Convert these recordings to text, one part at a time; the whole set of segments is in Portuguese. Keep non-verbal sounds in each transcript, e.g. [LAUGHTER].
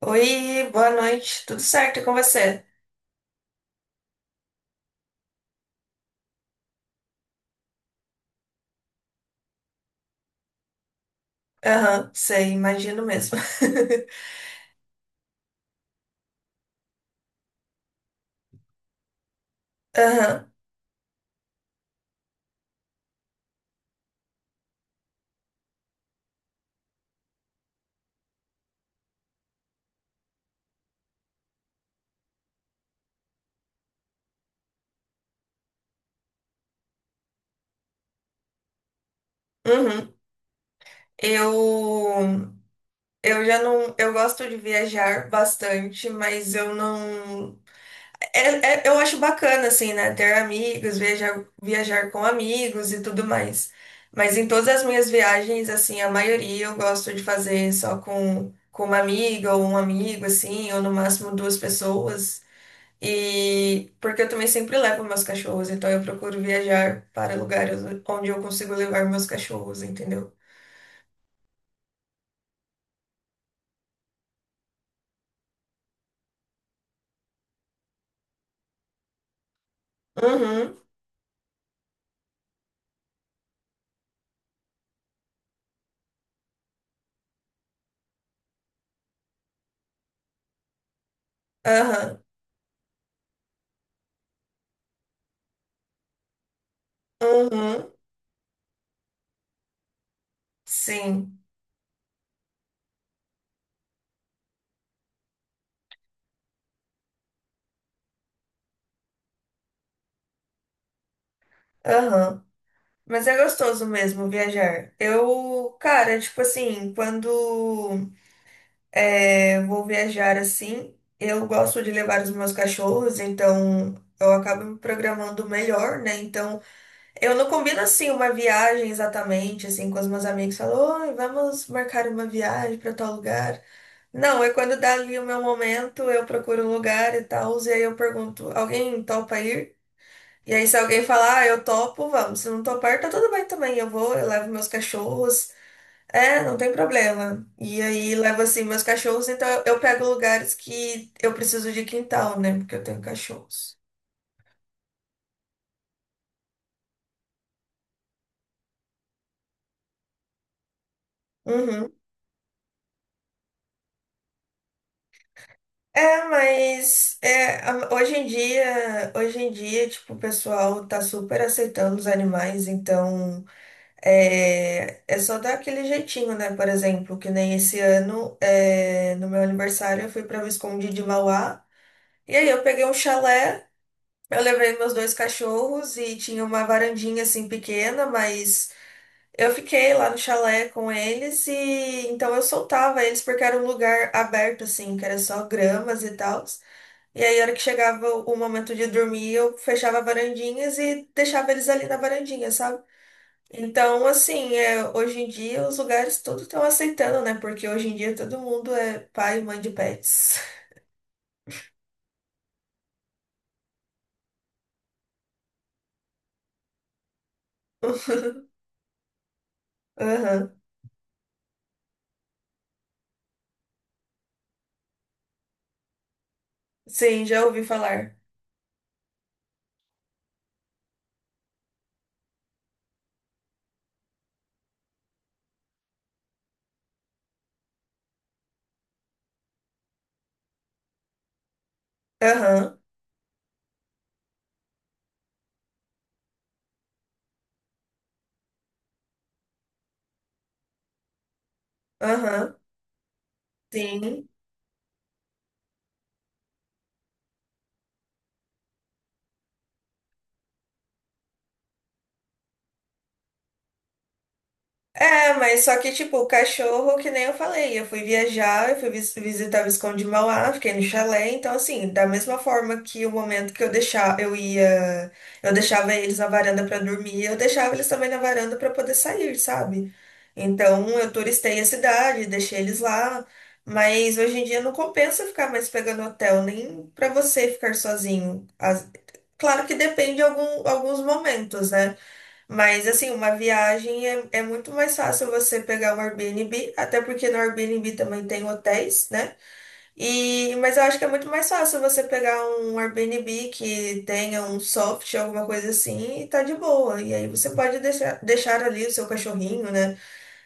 Oi, boa noite. Tudo certo e com você? Aham, sei, imagino mesmo. [LAUGHS] Aham, uhum. Eu, eu já não, eu gosto de viajar bastante, mas eu não, eu acho bacana assim, né? Ter amigos, viajar, viajar com amigos e tudo mais. Mas em todas as minhas viagens, assim, a maioria eu gosto de fazer só com uma amiga ou um amigo, assim, ou no máximo duas pessoas. E porque eu também sempre levo meus cachorros, então eu procuro viajar para lugares onde eu consigo levar meus cachorros, entendeu? Uhum, aham, uhum, sim, aham. Mas é gostoso mesmo viajar. Eu, cara, tipo assim, quando vou viajar assim, eu gosto de levar os meus cachorros, então eu acabo me programando melhor, né? Então eu não combino assim uma viagem exatamente, assim, com os meus amigos. Falou, "Oi, vamos marcar uma viagem para tal lugar." Não, é quando dá ali o meu momento, eu procuro um lugar e tal, e aí eu pergunto, alguém topa ir? E aí se alguém falar, ah, eu topo, vamos. Se não topar, tá tudo bem também, eu vou, eu levo meus cachorros. É, não tem problema. E aí levo assim meus cachorros, então eu pego lugares que eu preciso de quintal, né? Porque eu tenho cachorros. Uhum. É, mas é, hoje em dia, tipo, o pessoal tá super aceitando os animais, então é, é só dar aquele jeitinho, né? Por exemplo, que nem esse ano, é, no meu aniversário, eu fui pra Visconde de Mauá, e aí eu peguei um chalé, eu levei meus dois cachorros e tinha uma varandinha assim pequena, mas eu fiquei lá no chalé com eles e então eu soltava eles porque era um lugar aberto, assim, que era só gramas e tal. E aí, a hora que chegava o momento de dormir, eu fechava varandinhas e deixava eles ali na varandinha, sabe? Então, assim, é, hoje em dia os lugares tudo estão aceitando, né? Porque hoje em dia todo mundo é pai e mãe de pets. [LAUGHS] Aham. Sim, já ouvi falar. Aham, aham, sim. É, mas só que, tipo, o cachorro, que nem eu falei, eu fui viajar, eu fui visitar o Visconde de Mauá, fiquei no chalé, então, assim, da mesma forma que o momento que eu deixava, eu ia, eu deixava eles na varanda pra dormir, eu deixava eles também na varanda pra poder sair, sabe? Então, eu turistei a cidade, deixei eles lá, mas hoje em dia não compensa ficar mais pegando hotel, nem pra você ficar sozinho. As- Claro que depende de algum, alguns momentos, né? Mas, assim, uma viagem é muito mais fácil você pegar um Airbnb, até porque no Airbnb também tem hotéis, né? E, mas eu acho que é muito mais fácil você pegar um Airbnb que tenha um soft, alguma coisa assim, e tá de boa. E aí você pode deixar ali o seu cachorrinho, né?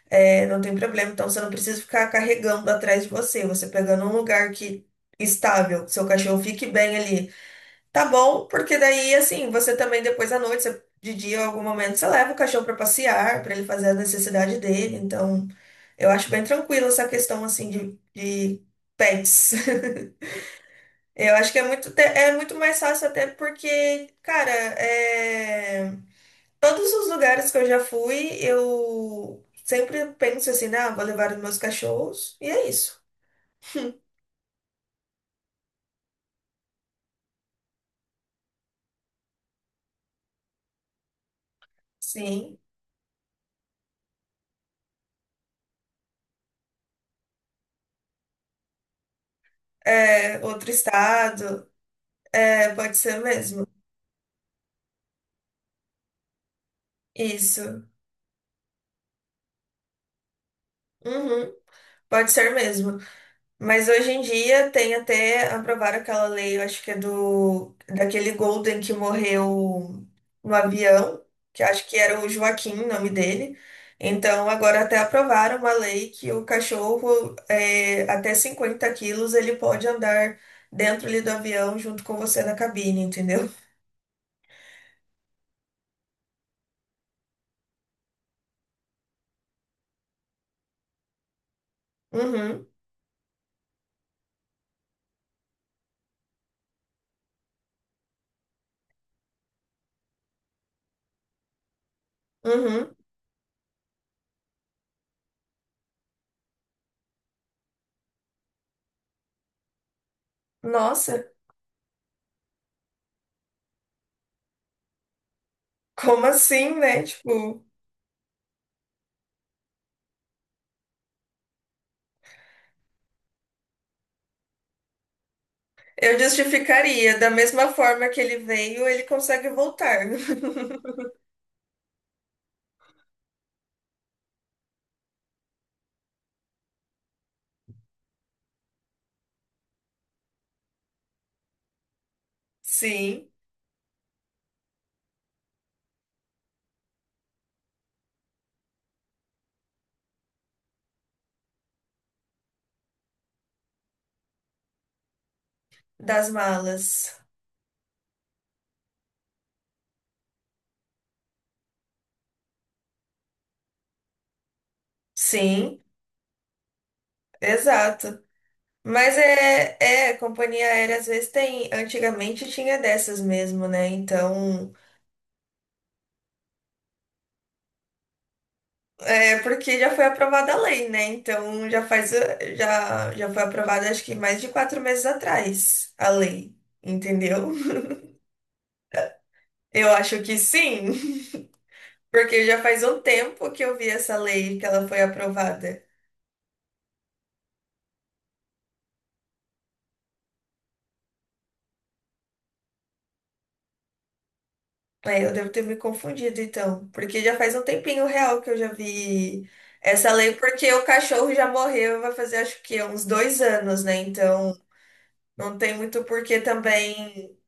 É, não tem problema. Então você não precisa ficar carregando atrás de você, você pegando um lugar que estável, que seu cachorro fique bem ali. Tá bom, porque daí, assim, você também depois à noite, você- de dia, em algum momento, você leva o cachorro pra passear, pra ele fazer a necessidade dele. Então, eu acho bem tranquilo essa questão, assim, de pets. [LAUGHS] Eu acho que é muito, é muito mais fácil até porque, cara, é, todos os lugares que eu já fui, eu sempre penso assim, ah, vou levar os meus cachorros, e é isso. Sim, é outro estado, é, pode ser mesmo. Isso. Uhum. Pode ser mesmo. Mas hoje em dia tem até aprovaram aquela lei, eu acho que é do daquele Golden que morreu no avião, que acho que era o Joaquim, o nome dele. Então agora até aprovaram uma lei que o cachorro é, até 50 quilos ele pode andar dentro ali do avião junto com você na cabine, entendeu? Uhum, uhum. Nossa, como assim, né? Tipo. Eu justificaria, da mesma forma que ele veio, ele consegue voltar. [LAUGHS] Sim, das malas. Sim, exato. Mas é, é, companhia aérea às vezes tem, antigamente tinha dessas mesmo, né? Então, é porque já foi aprovada a lei, né? Então já faz, eh, já, já foi aprovada acho que mais de 4 meses atrás a lei, entendeu? [LAUGHS] Eu acho que sim, [LAUGHS] porque já faz um tempo que eu vi essa lei que ela foi aprovada. É, eu devo ter me confundido, então. Porque já faz um tempinho real que eu já vi essa lei, porque o cachorro já morreu, vai fazer acho que uns 2 anos, né? Então, não tem muito porquê também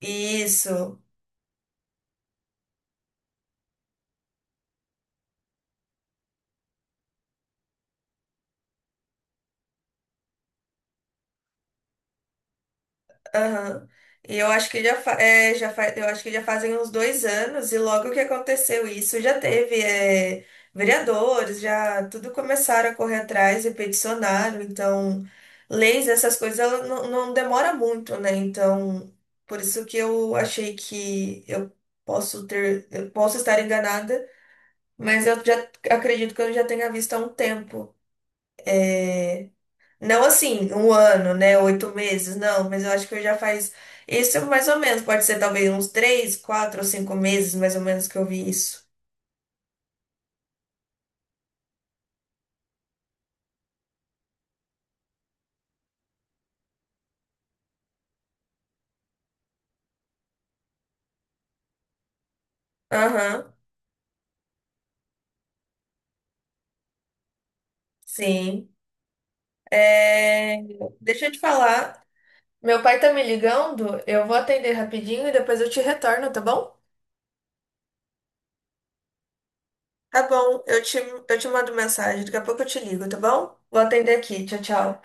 isso. Aham. E eu acho que já, fa é, já fa eu acho que já fazem uns 2 anos, e logo que aconteceu isso, já teve é, vereadores, já tudo começaram a correr atrás e peticionaram, então leis, essas coisas, ela não, não demora muito, né? Então, por isso que eu achei que eu posso ter, eu posso estar enganada, mas eu já acredito que eu já tenha visto há um tempo. É, não assim, um ano, né? 8 meses, não, mas eu acho que eu já faz isso mais ou menos. Pode ser talvez uns 3, 4 ou 5 meses, mais ou menos, que eu vi isso. Aham, sim. É, deixa eu te falar. Meu pai tá me ligando, eu vou atender rapidinho e depois eu te retorno, tá bom? Tá bom, eu te mando mensagem. Daqui a pouco eu te ligo, tá bom? Vou atender aqui. Tchau, tchau.